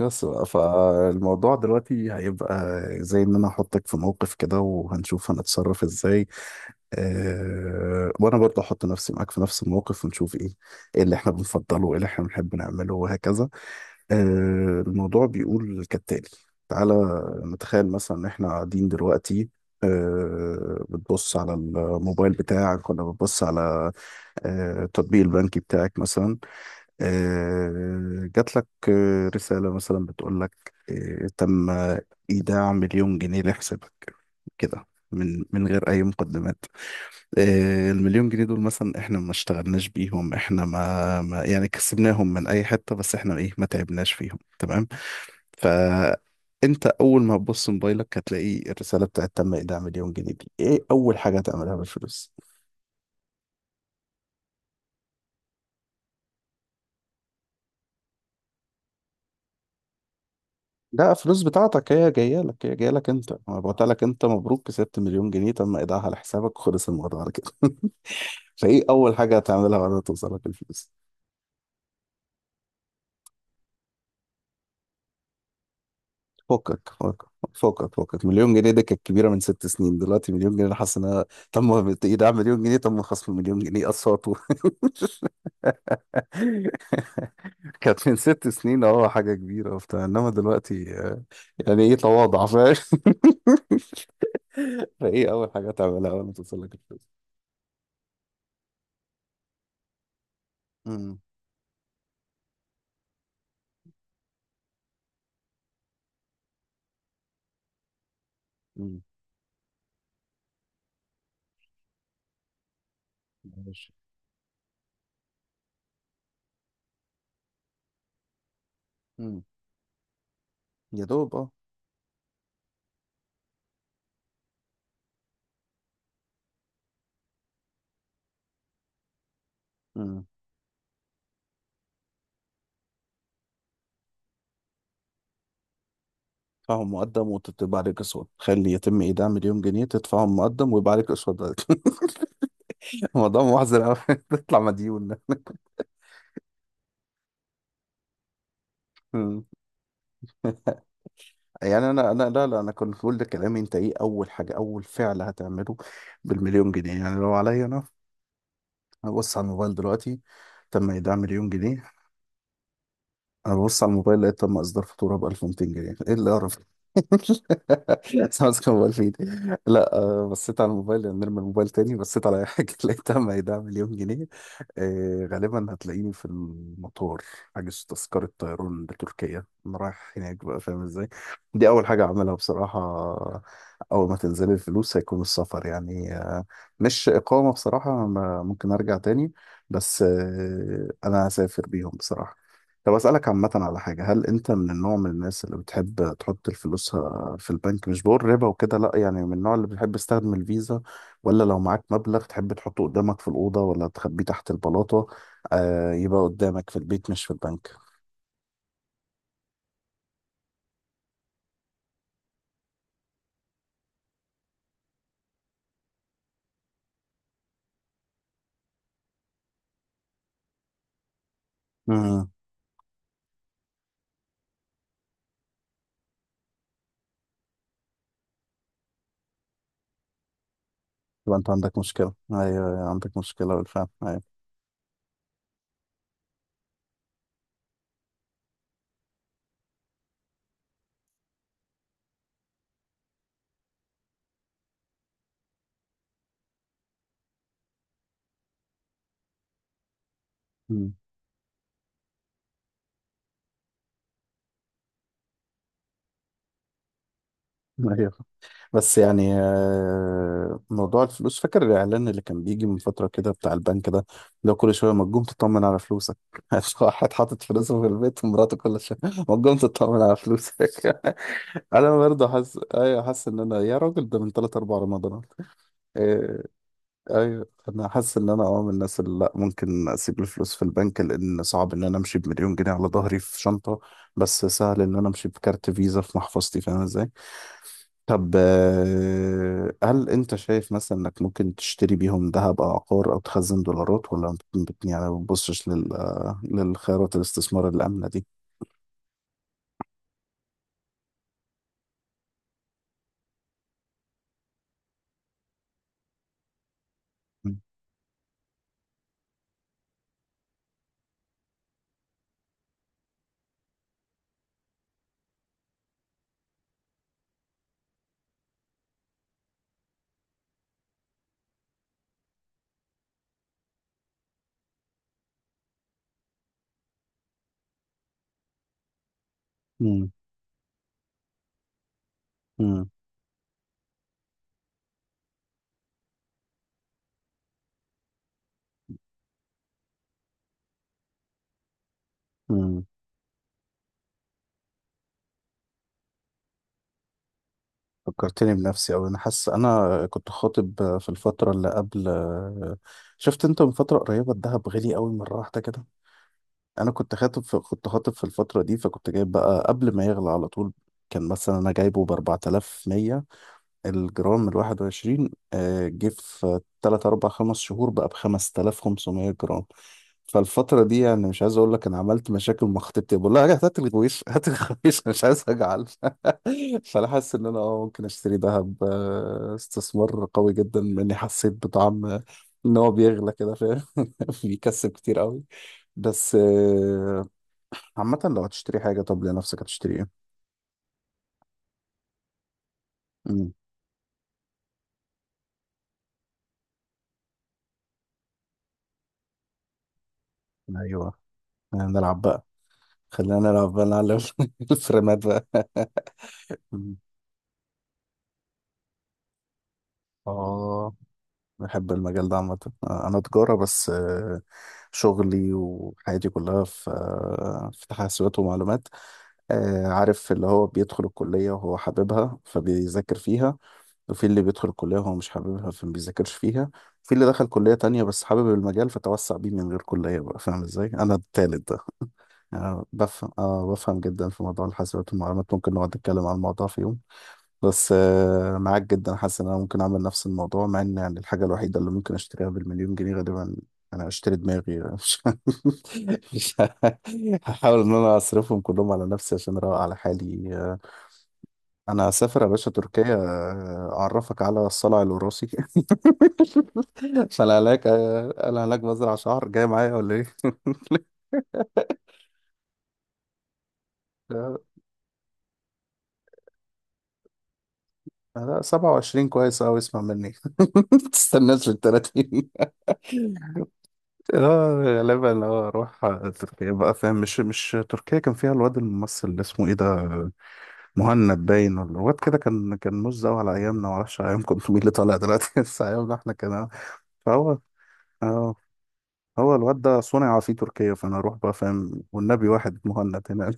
بس بقى، فالموضوع دلوقتي هيبقى زي ان انا احطك في موقف كده وهنشوف هنتصرف ازاي. وانا برضه احط نفسي معاك في نفس الموقف ونشوف ايه، اللي احنا بنفضله وايه اللي احنا بنحب نعمله وهكذا. الموضوع بيقول كالتالي. تعالى نتخيل مثلا ان احنا قاعدين دلوقتي. بتبص على الموبايل بتاعك ولا بتبص على التطبيق البنكي بتاعك مثلا. جات لك رسالة مثلا بتقول لك تم إيداع مليون جنيه لحسابك، كده، من غير أي مقدمات. المليون جنيه دول مثلا إحنا ما اشتغلناش بيهم، إحنا ما يعني كسبناهم من أي حتة، بس إحنا إيه، ما تعبناش فيهم، تمام؟ فأنت أول ما تبص موبايلك هتلاقي الرسالة بتاعت تم إيداع مليون جنيه دي، إيه أول حاجة هتعملها بالفلوس؟ لا، فلوس بتاعتك، هي جايه لك، هي جايه لك انت، انا بعتها لك انت، مبروك كسبت مليون جنيه تم ايداعها على حسابك وخلص الموضوع على كده. فايه اول حاجه هتعملها بعد ما توصلك الفلوس؟ فكك فكك. فكك فكك. مليون جنيه دي كانت كبيره من ست سنين، دلوقتي مليون جنيه انا حاسس انها، تم ايداع مليون جنيه، تم خصم مليون جنيه، اصوات و- كانت من ست سنين اه حاجه كبيره وبتاع، انما دلوقتي يعني ايه، تواضع، فاهم؟ فايه اول حاجه هتعملها اول ما توصلك الفلوس؟ امم. امم. ماشي. يا دوب اه. مم. تدفعهم مقدم وتبقى عليك أسود، تخلي يتم إيداع مليون جنيه، تدفعهم مقدم ويبقى عليك أسود بعد كده. الموضوع محزن أوي. تطلع مديون. مم. يعني أنا لا لا، أنا كنت بقول لكلامي، أنت إيه أول حاجة، أول فعل هتعمله بالمليون جنيه؟ يعني لو عليا أنا، هبص على الموبايل دلوقتي، تم إيداع مليون جنيه، انا ببص على الموبايل لقيت تم اصدار فاتوره ب 1200 جنيه، ايه اللي اعرف؟ سامسونج كان ب 2000. لا بصيت على الموبايل يعني نرمي الموبايل، تاني بصيت على اي حاجه لقيت تم هيدعم مليون جنيه. غالبا هتلاقيني في المطار حاجز تذكره طيران لتركيا، انا رايح هناك بقى، فاهم ازاي؟ دي اول حاجه اعملها بصراحه، اول ما تنزل الفلوس هيكون السفر، يعني مش اقامه بصراحه، ممكن ارجع تاني، بس انا هسافر بيهم بصراحه. طب أسألك عامة على حاجة، هل أنت من النوع من الناس اللي بتحب تحط فلوسها في البنك؟ مش بقول ربا وكده لأ، يعني من النوع اللي بتحب تستخدم الفيزا، ولا لو معاك مبلغ تحب تحطه قدامك في الأوضة ولا تخبيه تحت البلاطة؟ آه، يبقى قدامك في البيت مش في البنك. امم. يبقى أنت عندك مشكلة، أيوه أيوة، عندك مشكلة بالفعل، أيوه. مم. أيوه. بس يعني موضوع الفلوس، فاكر الإعلان اللي كان بيجي من فترة كده بتاع البنك ده؟ لو كل شوية ما تقوم تطمن على فلوسك. واحد حاطط فلوسه في البيت ومراته كل شوية ما تقوم تطمن على فلوسك. أنا برضه حاسس، أيوه حاسس إن أنا، يا راجل ده من تلات أربع رمضانات. إيه، أيوه، أنا حاسس إن أنا أه من الناس اللي لأ، ممكن أسيب الفلوس في البنك، لأن صعب إن أنا أمشي بمليون جنيه على ظهري في شنطة، بس سهل إن أنا أمشي بكارت فيزا في محفظتي، فاهم إزاي؟ طب هل انت شايف مثلا انك ممكن تشتري بيهم ذهب او عقار او تخزن دولارات، ولا يعني ما بتبصش لل للخيارات الاستثمار الآمنة دي؟ مم. مم. مم. فكرتني بنفسي أوي، أنا حاسس، أنا كنت خاطب في الفترة اللي قبل، شفت أنت من فترة قريبة الذهب غالي أوي مرة واحدة كده؟ أنا كنت خاطب في... كنت خاطب في الفترة دي، فكنت جايب بقى قبل ما يغلى على طول، كان مثلا أنا جايبه ب 4100 الجرام الواحد وعشرين، جه في تلات أربع خمس شهور بقى بخمس تلاف خمسمية جرام. فالفترة دي يعني مش عايز أقول لك، أنا عملت مشاكل مع خطيبتي بقول لها "لا، هات الغويش هات الغويش، مش عايز أجعل". فأنا حاسس إن أنا أه ممكن أشتري دهب، استثمار قوي جدا، لأني حسيت بطعم إن هو بيغلى كده، فاهم؟ بيكسب كتير قوي. بس عامة، لو هتشتري حاجة طب لنفسك هتشتري إيه؟ مم، أيوه. نلعب بقى. خلينا نلعب بقى، نعلم الفريمات بقى. مم. اه. بحب المجال ده عامة. أنا تجارة، بس شغلي وحياتي كلها في في حاسبات ومعلومات. عارف اللي هو بيدخل الكلية وهو حاببها فبيذاكر فيها، وفي اللي بيدخل الكلية وهو مش حاببها فما بيذاكرش فيها، وفي اللي دخل كلية تانية بس حابب المجال فتوسع بيه من غير كلية، بقى فاهم ازاي؟ أنا التالت ده. أنا بفهم آه، بفهم جدا في موضوع الحاسبات والمعلومات، ممكن نقعد نتكلم عن الموضوع في يوم. بس معاك جدا، حاسس ان انا ممكن اعمل نفس الموضوع، مع ان يعني الحاجه الوحيده اللي ممكن اشتريها بالمليون جنيه غالبا انا اشتري دماغي. مش هحاول ان انا اصرفهم كلهم على نفسي عشان اروق على حالي. انا هسافر يا باشا تركيا، اعرفك على الصلع الوراثي. فانا هناك انا هناك بزرع شعر جاي معايا ولا ايه؟ لا. لا، 27 كويس قوي، اسمع مني. ما تستناش لل 30. اه غالبا اه اروح تركيا بقى، فاهم؟ مش تركيا كان فيها الواد الممثل اللي اسمه ايه ده، مهند؟ باين ولا الواد كده، كان مش قوي على ايامنا، معرفش ايامكم انتوا مين اللي طالع دلوقتي. بس ايامنا احنا كان، فهو اه، هو الواد ده صنع في تركيا، فانا اروح بقى فاهم، والنبي واحد مهند هنا.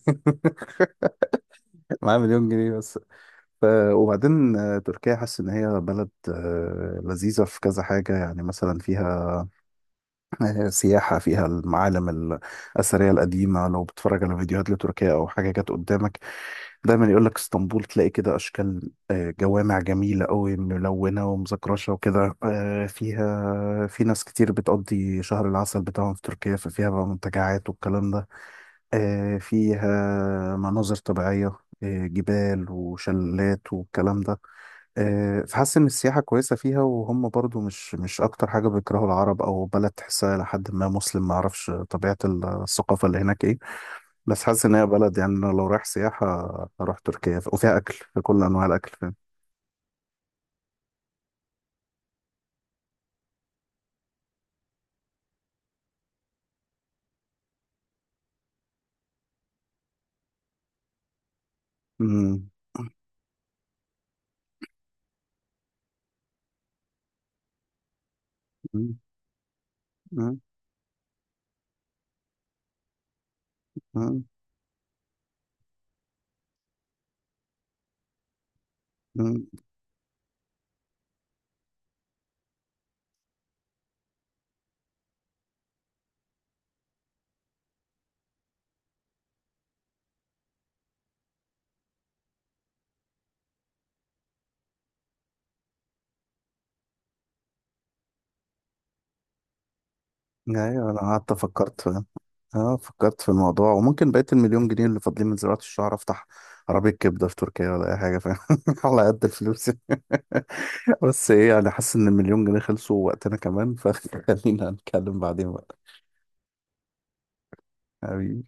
معاه مليون جنيه بس. ف... وبعدين تركيا حاسس ان هي بلد لذيذة في كذا حاجة، يعني مثلا فيها سياحة، فيها المعالم الأثرية القديمة، لو بتتفرج على فيديوهات لتركيا أو حاجة جت قدامك دايما يقول لك اسطنبول، تلاقي كده أشكال جوامع جميلة أوي ملونة ومزكرشة وكده. فيها، في ناس كتير بتقضي شهر العسل بتاعهم في تركيا، ففيها بقى منتجعات والكلام ده. فيها مناظر طبيعية، جبال وشلالات والكلام ده. فحاسس ان السياحه كويسه فيها، وهم برضو مش اكتر حاجه بيكرهوا العرب، او بلد تحسها لحد ما مسلم، ما اعرفش طبيعه الثقافه اللي هناك ايه. بس حاسس ان هي بلد، يعني أنا لو رايح سياحه هروح تركيا، وفيها اكل في كل انواع الاكل، فاهم؟ امم. امم. امم. امم. ايوه انا قعدت فكرت، اه فكرت في الموضوع، وممكن بقية المليون جنيه اللي فاضلين من زراعة الشعر افتح عربية كبدة في تركيا ولا اي حاجة، فاهم؟ على قد الفلوس. بس ايه يعني، حاسس ان المليون جنيه خلصوا، وقتنا كمان فخلينا نتكلم بعدين بقى حبيبي.